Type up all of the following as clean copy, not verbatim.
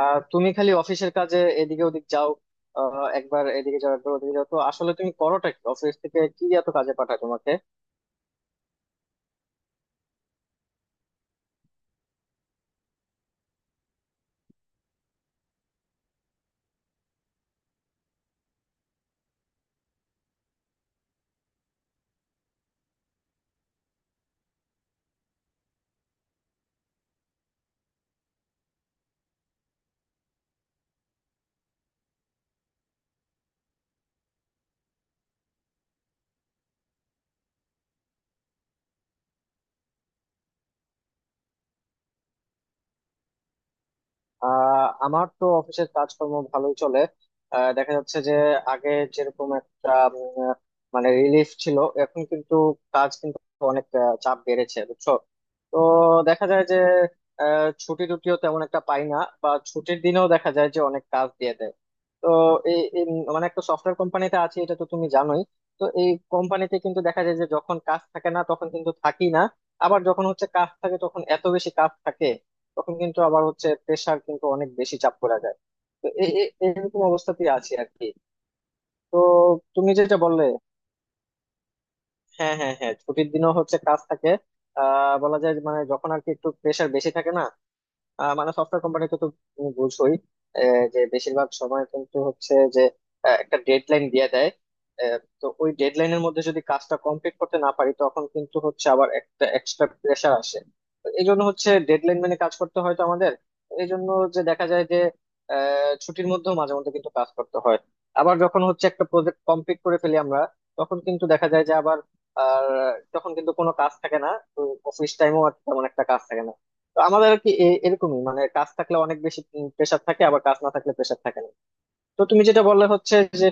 তুমি খালি অফিসের কাজে এদিকে ওদিক যাও। একবার এদিকে যাও একবার ওদিকে যাও, তো আসলে তুমি করোটা কি? অফিস থেকে কি এত কাজে পাঠায় তোমাকে? আমার তো অফিসের কাজকর্ম ভালোই চলে। দেখা যাচ্ছে যে আগে যেরকম একটা উম, আহ, মানে রিলিফ ছিল, এখন কিন্তু কাজ কিন্তু অনেক চাপ বেড়েছে বুঝছো। তো দেখা যায় যে ছুটি টুটিও তেমন একটা পাই না, বা ছুটির দিনেও দেখা যায় যে অনেক কাজ দিয়ে দেয়। তো এই এই মানে একটা সফটওয়্যার কোম্পানিতে আছি, এটা তো তুমি জানোই। তো এই কোম্পানিতে কিন্তু দেখা যায় যে যখন কাজ থাকে না তখন কিন্তু থাকি না, আবার যখন হচ্ছে কাজ থাকে তখন এত বেশি কাজ থাকে তখন কিন্তু আবার হচ্ছে প্রেসার কিন্তু অনেক বেশি চাপ পড়ে যায়। তো এরকম অবস্থাতেই আছি আর কি। তো তুমি যেটা বললে, হ্যাঁ হ্যাঁ হ্যাঁ, ছুটির দিনও হচ্ছে কাজ থাকে। বলা যায় যে মানে যখন আর কি একটু প্রেসার বেশি থাকে না, মানে সফটওয়্যার কোম্পানিতে তো তুমি বুঝোই, যে বেশিরভাগ সময় কিন্তু হচ্ছে যে একটা ডেডলাইন দিয়ে দেয়। তো ওই ডেডলাইনের মধ্যে যদি কাজটা কমপ্লিট করতে না পারি তখন কিন্তু হচ্ছে আবার একটা এক্সট্রা প্রেশার আসে। তো এই জন্য হচ্ছে ডেডলাইন মেনে কাজ করতে হয় তো আমাদের। এই জন্য যে দেখা যায় যে ছুটির মধ্যেও মাঝে মধ্যে কিন্তু কাজ করতে হয়। আবার যখন হচ্ছে একটা প্রজেক্ট কমপ্লিট করে ফেলি আমরা, তখন কিন্তু দেখা যায় যে আবার, আর তখন কিন্তু কোনো কাজ থাকে না, অফিস টাইমও আর তেমন একটা কাজ থাকে না। তো আমাদের আর কি এরকমই মানে কাজ থাকলে অনেক বেশি প্রেশার থাকে, আবার কাজ না থাকলে প্রেশার থাকে না। তো তুমি যেটা বললে হচ্ছে যে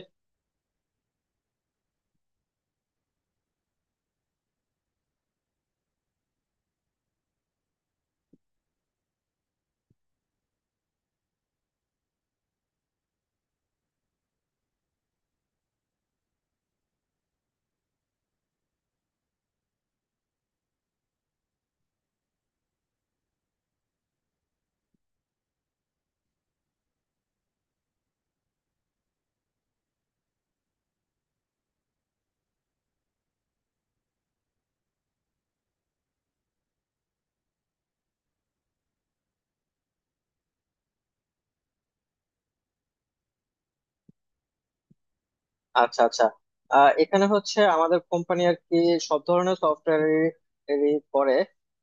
আচ্ছা আচ্ছা, এখানে হচ্ছে আমাদের কোম্পানি আর কি সব ধরনের সফটওয়্যার করে।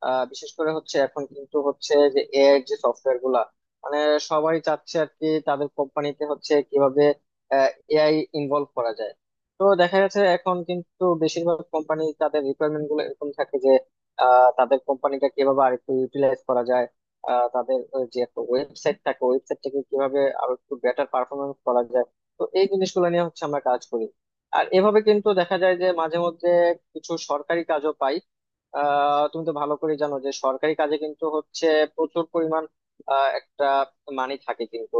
বিশেষ করে হচ্ছে এখন কিন্তু হচ্ছে যে এআই যে সফটওয়্যার গুলা, মানে সবাই চাচ্ছে আর কি তাদের কোম্পানিতে হচ্ছে কিভাবে এআই ইনভলভ করা যায়। তো দেখা যাচ্ছে এখন কিন্তু বেশিরভাগ কোম্পানি তাদের রিকোয়ারমেন্ট গুলো এরকম থাকে যে তাদের কোম্পানিটা কিভাবে আর একটু ইউটিলাইজ করা যায়, তাদের ওই যে একটা ওয়েবসাইট থাকে ওয়েবসাইটটাকে কিভাবে আরো একটু বেটার পারফরমেন্স করা যায়। তো এই জিনিসগুলো নিয়ে হচ্ছে আমরা কাজ করি। আর এভাবে কিন্তু দেখা যায় যে মাঝে মধ্যে কিছু সরকারি কাজও পাই। তুমি তো ভালো করে জানো যে সরকারি কাজে কিন্তু হচ্ছে প্রচুর পরিমাণ একটা মানি থাকে কিন্তু,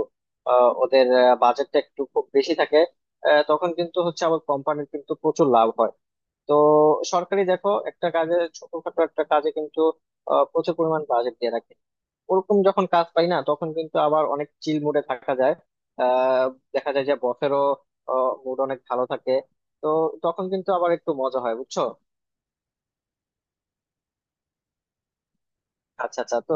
ওদের বাজেটটা একটু খুব বেশি থাকে। তখন কিন্তু হচ্ছে আবার কোম্পানির কিন্তু প্রচুর লাভ হয়। তো সরকারি দেখো একটা কাজে ছোটখাটো একটা কাজে কিন্তু প্রচুর পরিমাণ বাজেট দিয়ে রাখে। ওরকম যখন কাজ পাই না তখন কিন্তু আবার অনেক চিল মুডে থাকা যায়। আহ দেখা যায় যে বসেরও মুড অনেক ভালো থাকে। তো তখন কিন্তু আবার একটু মজা হয় বুঝছো। আচ্ছা আচ্ছা তো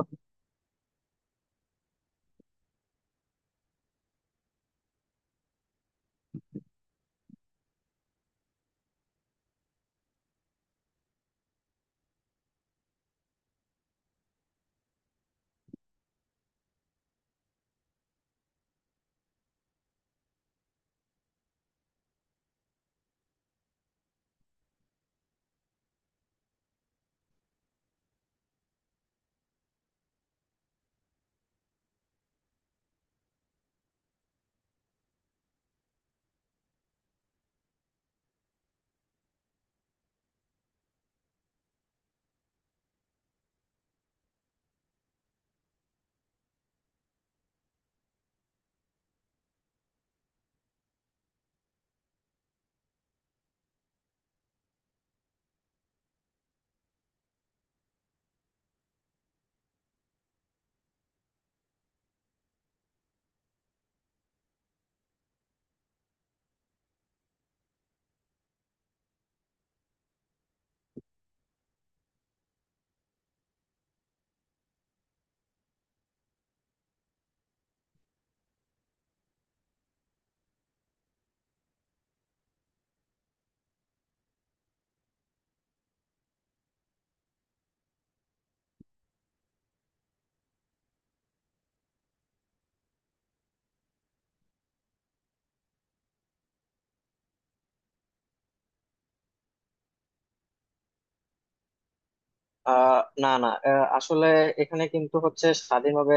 না না, আসলে এখানে কিন্তু হচ্ছে স্বাধীনভাবে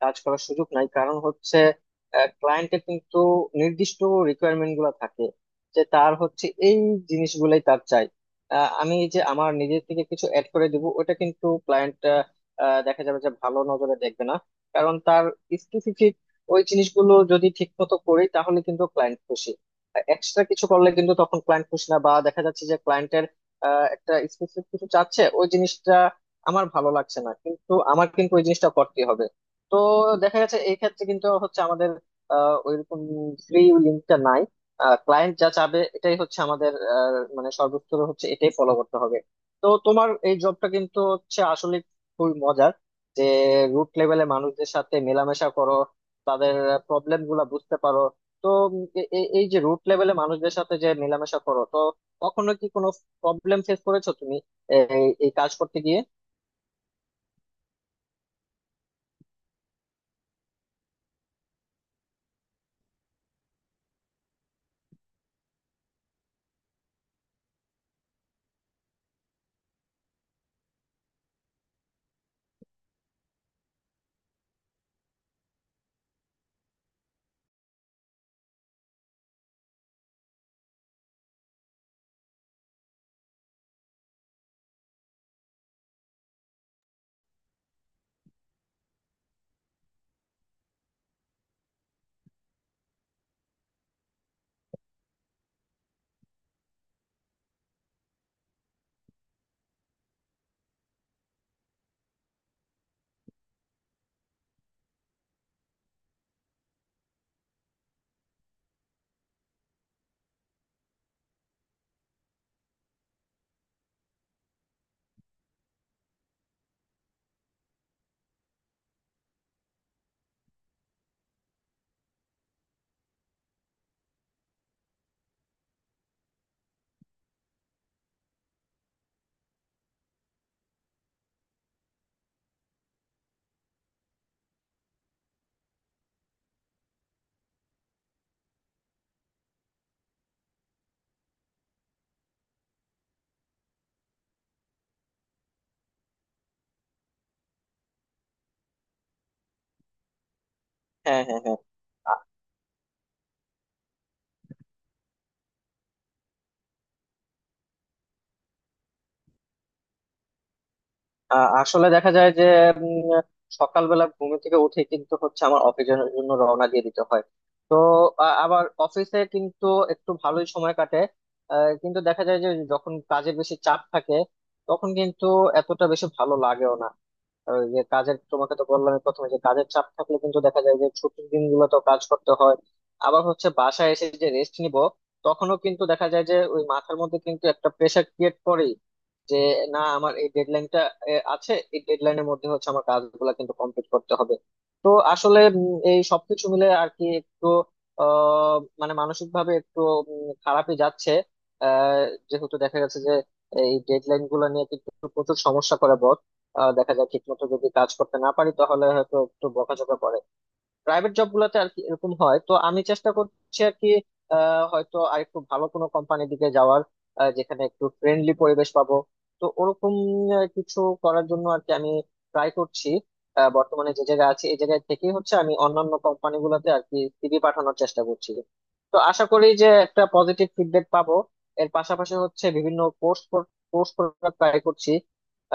কাজ করার সুযোগ নাই। কারণ হচ্ছে ক্লায়েন্টের কিন্তু নির্দিষ্ট রিকোয়ারমেন্ট গুলো থাকে, যে তার হচ্ছে এই জিনিসগুলোই তার চাই। আমি যে আমার নিজের থেকে কিছু অ্যাড করে দিব ওটা কিন্তু ক্লায়েন্ট দেখা যাবে যে ভালো নজরে দেখবে না। কারণ তার স্পেসিফিক ওই জিনিসগুলো যদি ঠিক মতো করি তাহলে কিন্তু ক্লায়েন্ট খুশি, এক্সট্রা কিছু করলে কিন্তু তখন ক্লায়েন্ট খুশি না। বা দেখা যাচ্ছে যে ক্লায়েন্টের একটা স্পেসিফিক কিছু চাচ্ছে, ওই জিনিসটা আমার ভালো লাগছে না, কিন্তু আমার কিন্তু ওই জিনিসটা করতে হবে। তো দেখা যাচ্ছে এই ক্ষেত্রে কিন্তু হচ্ছে আমাদের ওইরকম ফ্রি লিঙ্কটা নাই। ক্লায়েন্ট যা চাবে এটাই হচ্ছে আমাদের মানে সর্বোচ্চ হচ্ছে এটাই ফলো করতে হবে। তো তোমার এই জবটা কিন্তু হচ্ছে আসলে খুবই মজার, যে রুট লেভেলে মানুষদের সাথে মেলামেশা করো, তাদের প্রবলেম গুলা বুঝতে পারো। তো এই যে রুট লেভেলে মানুষদের সাথে যে মেলামেশা করো, তো কখনো কি কোনো প্রবলেম ফেস করেছো তুমি এই এই কাজ করতে গিয়ে? হ্যাঁ হ্যাঁ হ্যাঁ। আ- আসলে দেখা যায় যে উম, সকালবেলা ঘুম থেকে উঠে কিন্তু হচ্ছে আমার অফিসের জন্য রওনা দিয়ে দিতে হয়। তো আবার অফিসে কিন্তু একটু ভালোই সময় কাটে। কিন্তু দেখা যায় যে যখন কাজের বেশি চাপ থাকে তখন কিন্তু এতটা বেশি ভালো লাগেও না। আর ওই যে কাজের, তোমাকে তো বললাম প্রথমে, যে কাজের চাপ থাকলে কিন্তু দেখা যায় যে ছুটির দিনগুলো তো কাজ করতে হয়। আবার হচ্ছে বাসায় এসে যে রেস্ট নিব, তখনও কিন্তু দেখা যায় যে ওই মাথার মধ্যে কিন্তু একটা প্রেশার ক্রিয়েট করেই, যে না আমার এই ডেডলাইনটা আছে, এই ডেডলাইনের মধ্যে হচ্ছে আমার কাজগুলো কিন্তু কমপ্লিট করতে হবে। তো আসলে এই সবকিছু মিলে আর কি একটু মানে মানসিক ভাবে একটু খারাপই যাচ্ছে। আহ যেহেতু দেখা গেছে যে এই ডেডলাইন গুলো নিয়ে কিন্তু প্রচুর সমস্যা করে boss। দেখা যায় ঠিক মতো যদি কাজ করতে না পারি তাহলে হয়তো একটু বকাঝকা করে, প্রাইভেট জব গুলাতে আর কি এরকম হয়। তো আমি চেষ্টা করছি আর কি হয়তো আর একটু ভালো কোনো কোম্পানির দিকে যাওয়ার, যেখানে একটু ফ্রেন্ডলি পরিবেশ পাবো। তো ওরকম কিছু করার জন্য আর কি আমি ট্রাই করছি। বর্তমানে যে জায়গায় আছি এই জায়গায় থেকেই হচ্ছে আমি অন্যান্য কোম্পানি গুলাতে আর কি সিভি পাঠানোর চেষ্টা করছি। তো আশা করি যে একটা পজিটিভ ফিডব্যাক পাবো। এর পাশাপাশি হচ্ছে বিভিন্ন কোর্স কোর্স করার ট্রাই করছি,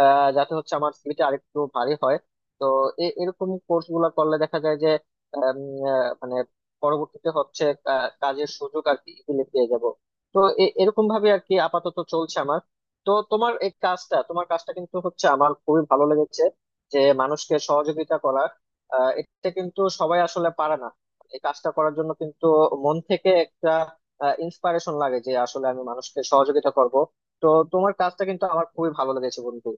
যাতে হচ্ছে আমার সিভিটা আরেকটু ভারী হয়। তো এরকম কোর্স গুলা করলে দেখা যায় আম, মানে পরবর্তীতে হচ্ছে কাজের সুযোগ আর কি ইজিলি পেয়ে যাব। তো এরকম ভাবে আর কি আপাতত চলছে আমার। তো তোমার কাজটা কিন্তু হচ্ছে আমার খুবই ভালো লেগেছে, যে মানুষকে সহযোগিতা করা, এটা কিন্তু সবাই আসলে পারে না। এই কাজটা করার জন্য কিন্তু মন থেকে একটা ইন্সপিরেশন লাগে, যে আসলে আমি মানুষকে সহযোগিতা করব। তো তোমার কাজটা কিন্তু আমার খুবই ভালো লেগেছে বন্ধু।